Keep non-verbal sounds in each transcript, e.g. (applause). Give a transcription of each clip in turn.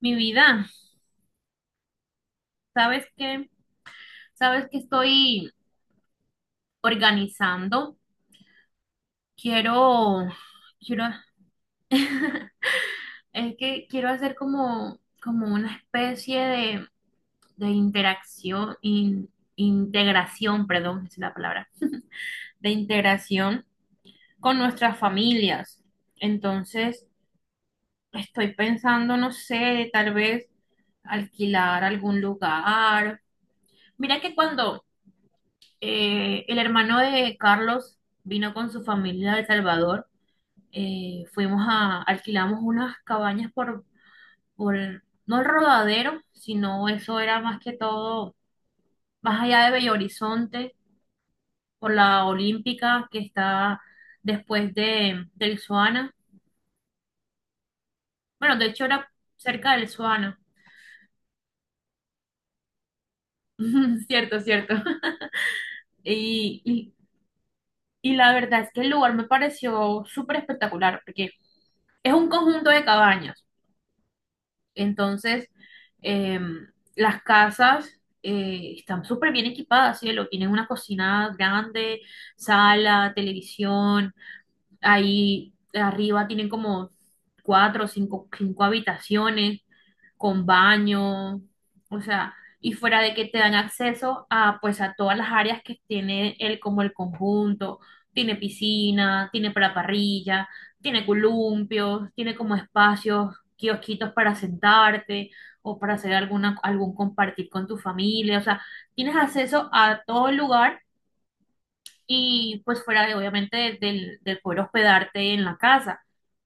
Mi vida, ¿sabes qué? ¿Sabes qué estoy organizando? Quiero, quiero, (laughs) es que quiero hacer como una especie de interacción, integración, perdón, esa es la palabra, de integración con nuestras familias. Entonces, estoy pensando, no sé, tal vez alquilar algún lugar. Mira que cuando el hermano de Carlos vino con su familia de El Salvador. Alquilamos unas cabañas por, no el Rodadero, sino eso era más que todo, más allá de Bello Horizonte, por la Olímpica que está después del Suana. Bueno, de hecho era cerca del Suana. (laughs) Cierto, cierto. Y, y, y la verdad es que el lugar me pareció súper espectacular, porque es un conjunto de cabañas. Entonces, eh, las casas están súper bien equipadas, cielo. Tienen una cocina grande, sala, televisión. Ahí arriba tienen como cuatro o cinco habitaciones con baño, o sea, y fuera de que te dan acceso a pues a todas las áreas que tiene el como el conjunto, tiene piscina, tiene para parrilla, tiene columpios, tiene como espacios, kiosquitos para sentarte o para hacer alguna algún compartir con tu familia, o sea, tienes acceso a todo el lugar y pues fuera de obviamente del poder hospedarte en la casa.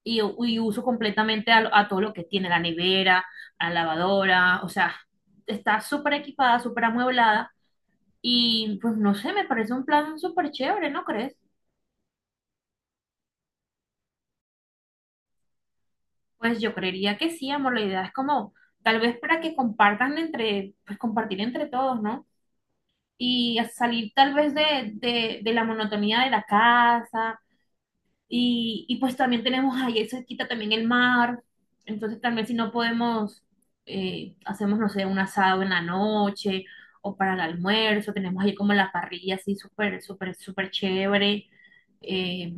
Y, y uso completamente a todo lo que tiene la nevera, la lavadora, o sea, está súper equipada, súper amueblada y pues no sé, me parece un plan súper chévere, ¿no crees? Pues yo creería que sí, amor, la idea es como tal vez para que compartan entre, pues compartir entre todos, ¿no? Y a salir tal vez de la monotonía de la casa. Y pues también tenemos ahí, eso quita también el mar. Entonces también si no podemos, hacemos, no sé, un asado en la noche o para el almuerzo. Tenemos ahí como la parrilla así súper, súper, súper chévere. eh,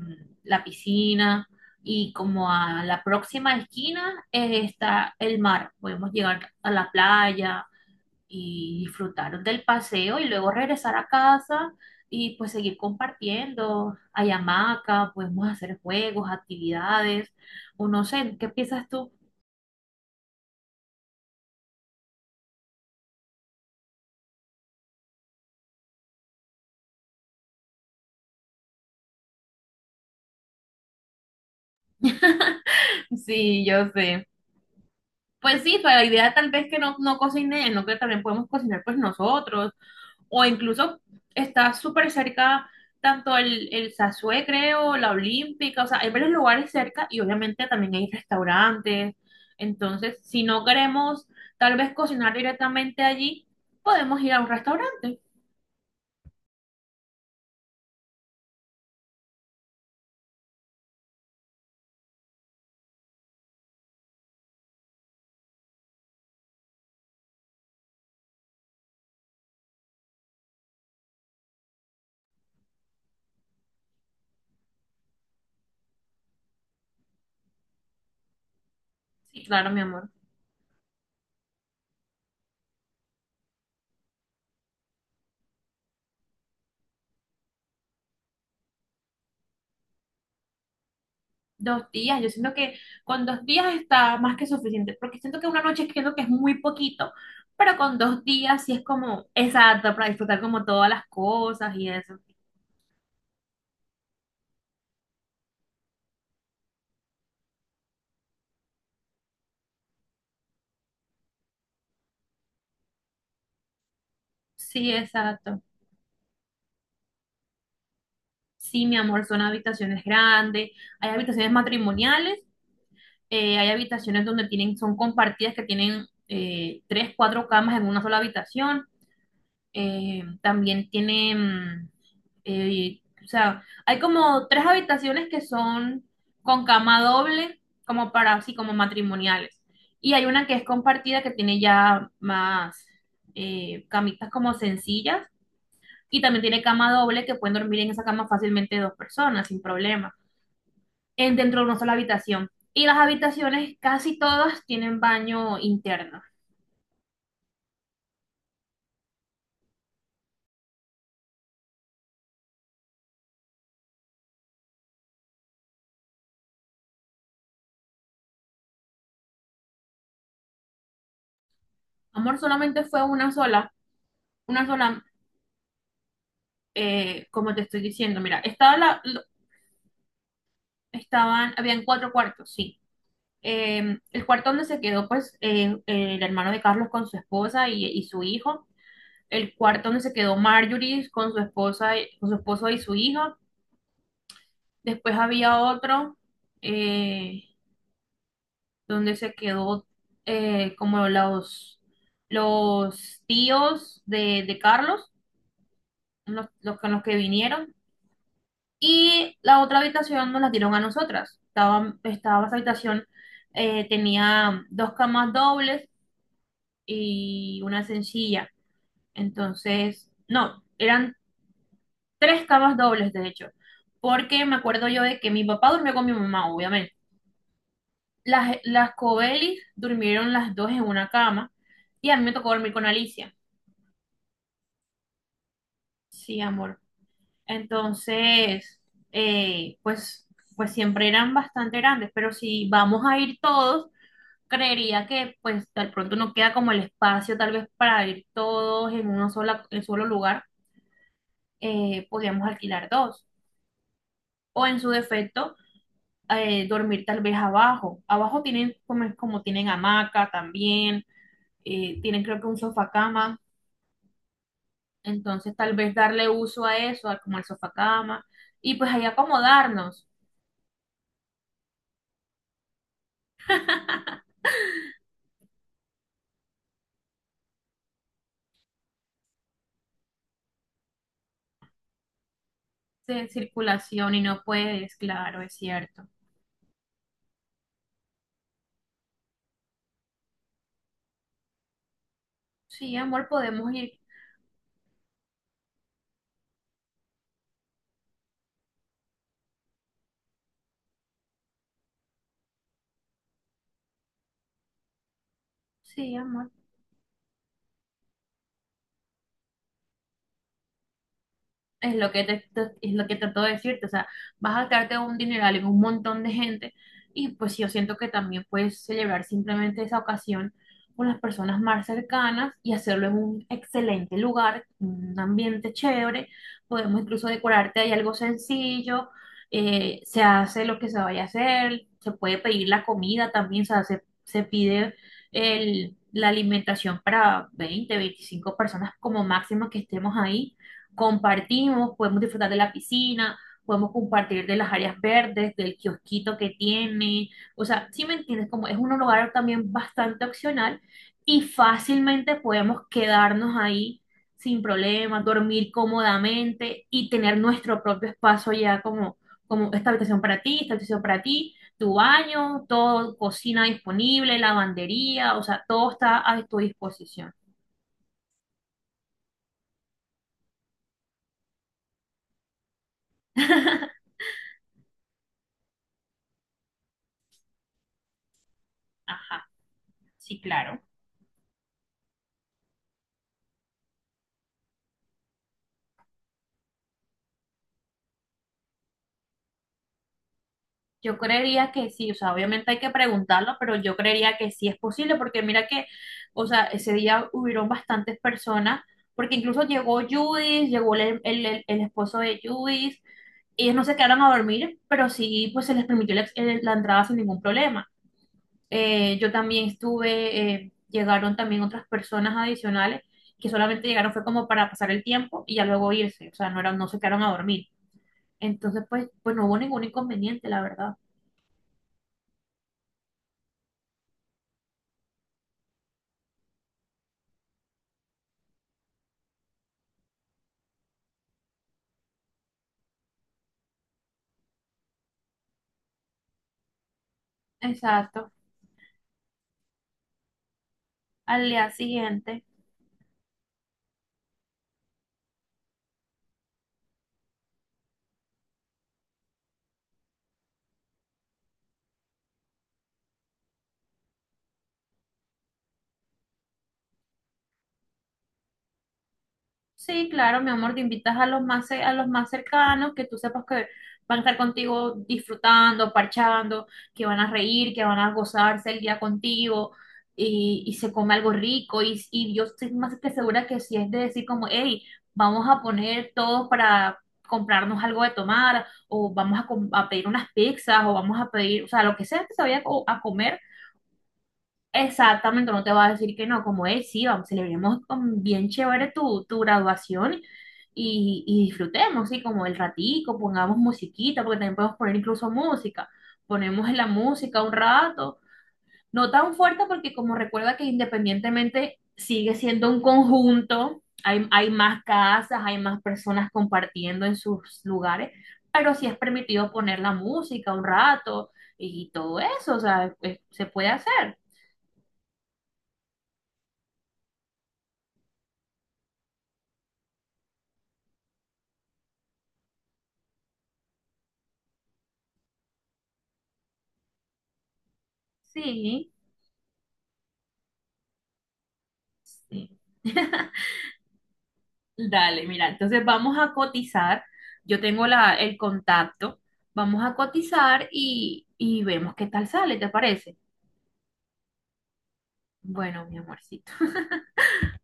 la piscina y como a la próxima esquina está el mar. Podemos llegar a la playa y disfrutar del paseo y luego regresar a casa y pues seguir compartiendo. Hay hamaca, podemos hacer juegos, actividades, o no sé, ¿qué piensas tú? Sí, yo sé. Pues sí, pero la idea tal vez que no, no cocine, no que también podemos cocinar pues nosotros o incluso está súper cerca tanto el Sasue, creo, la Olímpica, o sea, hay varios lugares cerca y obviamente también hay restaurantes. Entonces, si no queremos tal vez cocinar directamente allí, podemos ir a un restaurante. Sí, claro, mi amor. 2 días, yo siento que con 2 días está más que suficiente, porque siento que una noche creo que es muy poquito, pero con 2 días sí es como exacto para disfrutar como todas las cosas y eso. Sí, exacto. Sí, mi amor, son habitaciones grandes, hay habitaciones matrimoniales, hay habitaciones donde tienen, son compartidas que tienen tres, cuatro camas en una sola habitación. También tienen, o sea, hay como tres habitaciones que son con cama doble, como para así como matrimoniales. Y hay una que es compartida que tiene ya más camitas como sencillas y también tiene cama doble que pueden dormir en esa cama fácilmente dos personas sin problema en dentro de una sola habitación. Y las habitaciones casi todas tienen baño interno. Amor, solamente fue una sola, como te estoy diciendo, mira, estaban, habían cuatro cuartos, sí. El cuarto donde se quedó, pues, el hermano de Carlos con su esposa y su hijo. El cuarto donde se quedó Marjorie con su esposa, con su esposo y su hijo. Después había otro, eh, donde se quedó como los tíos de Carlos, los con los que vinieron, y la otra habitación nos la dieron a nosotras. Estaba esa habitación, tenía dos camas dobles y una sencilla. Entonces, no, eran tres camas dobles, de hecho, porque me acuerdo yo de que mi papá durmió con mi mamá, obviamente. Las Cobelis durmieron las dos en una cama y a mí me tocó dormir con Alicia. Sí, amor. Entonces, eh, pues, pues siempre eran bastante grandes, pero si vamos a ir todos, creería que pues de pronto no queda como el espacio tal vez para ir todos en solo lugar, podríamos alquilar dos. O en su defecto, dormir tal vez abajo. Abajo tienen como tienen hamaca también, tienen creo que un sofá cama, entonces tal vez darle uso a eso, a como el sofá cama, y pues ahí acomodarnos. (laughs) De circulación y no puedes, claro, es cierto. Sí, amor, podemos ir. Sí, amor. Es lo que trato de decirte, o sea, vas a gastarte un dineral en un montón de gente y pues yo siento que también puedes celebrar simplemente esa ocasión con las personas más cercanas y hacerlo en un excelente lugar, un ambiente chévere, podemos incluso decorarte ahí algo sencillo, se hace lo que se vaya a hacer, se puede pedir la comida también, o sea, se pide la alimentación para 20 25 personas como máximo que estemos ahí compartimos, podemos disfrutar de la piscina, podemos compartir de las áreas verdes, del kiosquito que tiene, o sea, si me entiendes, como es un lugar también bastante opcional y fácilmente podemos quedarnos ahí sin problemas, dormir cómodamente y tener nuestro propio espacio ya como, esta habitación para ti, esta habitación para ti, tu baño, todo, cocina disponible, lavandería, o sea, todo está a tu disposición. Ajá, sí, claro. Yo creería que sí, o sea, obviamente hay que preguntarlo, pero yo creería que sí es posible, porque mira que, o sea, ese día hubieron bastantes personas, porque incluso llegó Judith, llegó el esposo de Judith, ellos no se quedaron a dormir, pero sí, pues se les permitió la entrada sin ningún problema. Yo también estuve, llegaron también otras personas adicionales que solamente llegaron fue como para pasar el tiempo y ya luego irse, o sea, no, no se quedaron a dormir. Entonces, pues no hubo ningún inconveniente, la verdad. Exacto. Al día siguiente. Sí, claro, mi amor, te invitas a los más cercanos, que tú sepas que van a estar contigo disfrutando, parchando, que van a reír, que van a gozarse el día contigo y se come algo rico. Y yo estoy más que segura que si es de decir como, hey, vamos a poner todos para comprarnos algo de tomar o vamos a pedir unas pizzas o vamos a pedir, o sea, lo que sea que se vaya a comer. Exactamente, no te va a decir que no, como es, sí, vamos, celebremos con bien chévere tu graduación y disfrutemos, sí, como el ratico, pongamos musiquita, porque también podemos poner incluso música, ponemos la música un rato, no tan fuerte porque como recuerda que independientemente sigue siendo un conjunto, hay más casas, hay más personas compartiendo en sus lugares, pero sí es permitido poner la música un rato y todo eso, o sea, pues, se puede hacer, sí. Sí. (laughs) Dale, mira, entonces vamos a cotizar. Yo tengo el contacto. Vamos a cotizar y vemos qué tal sale, ¿te parece? Bueno, mi amorcito.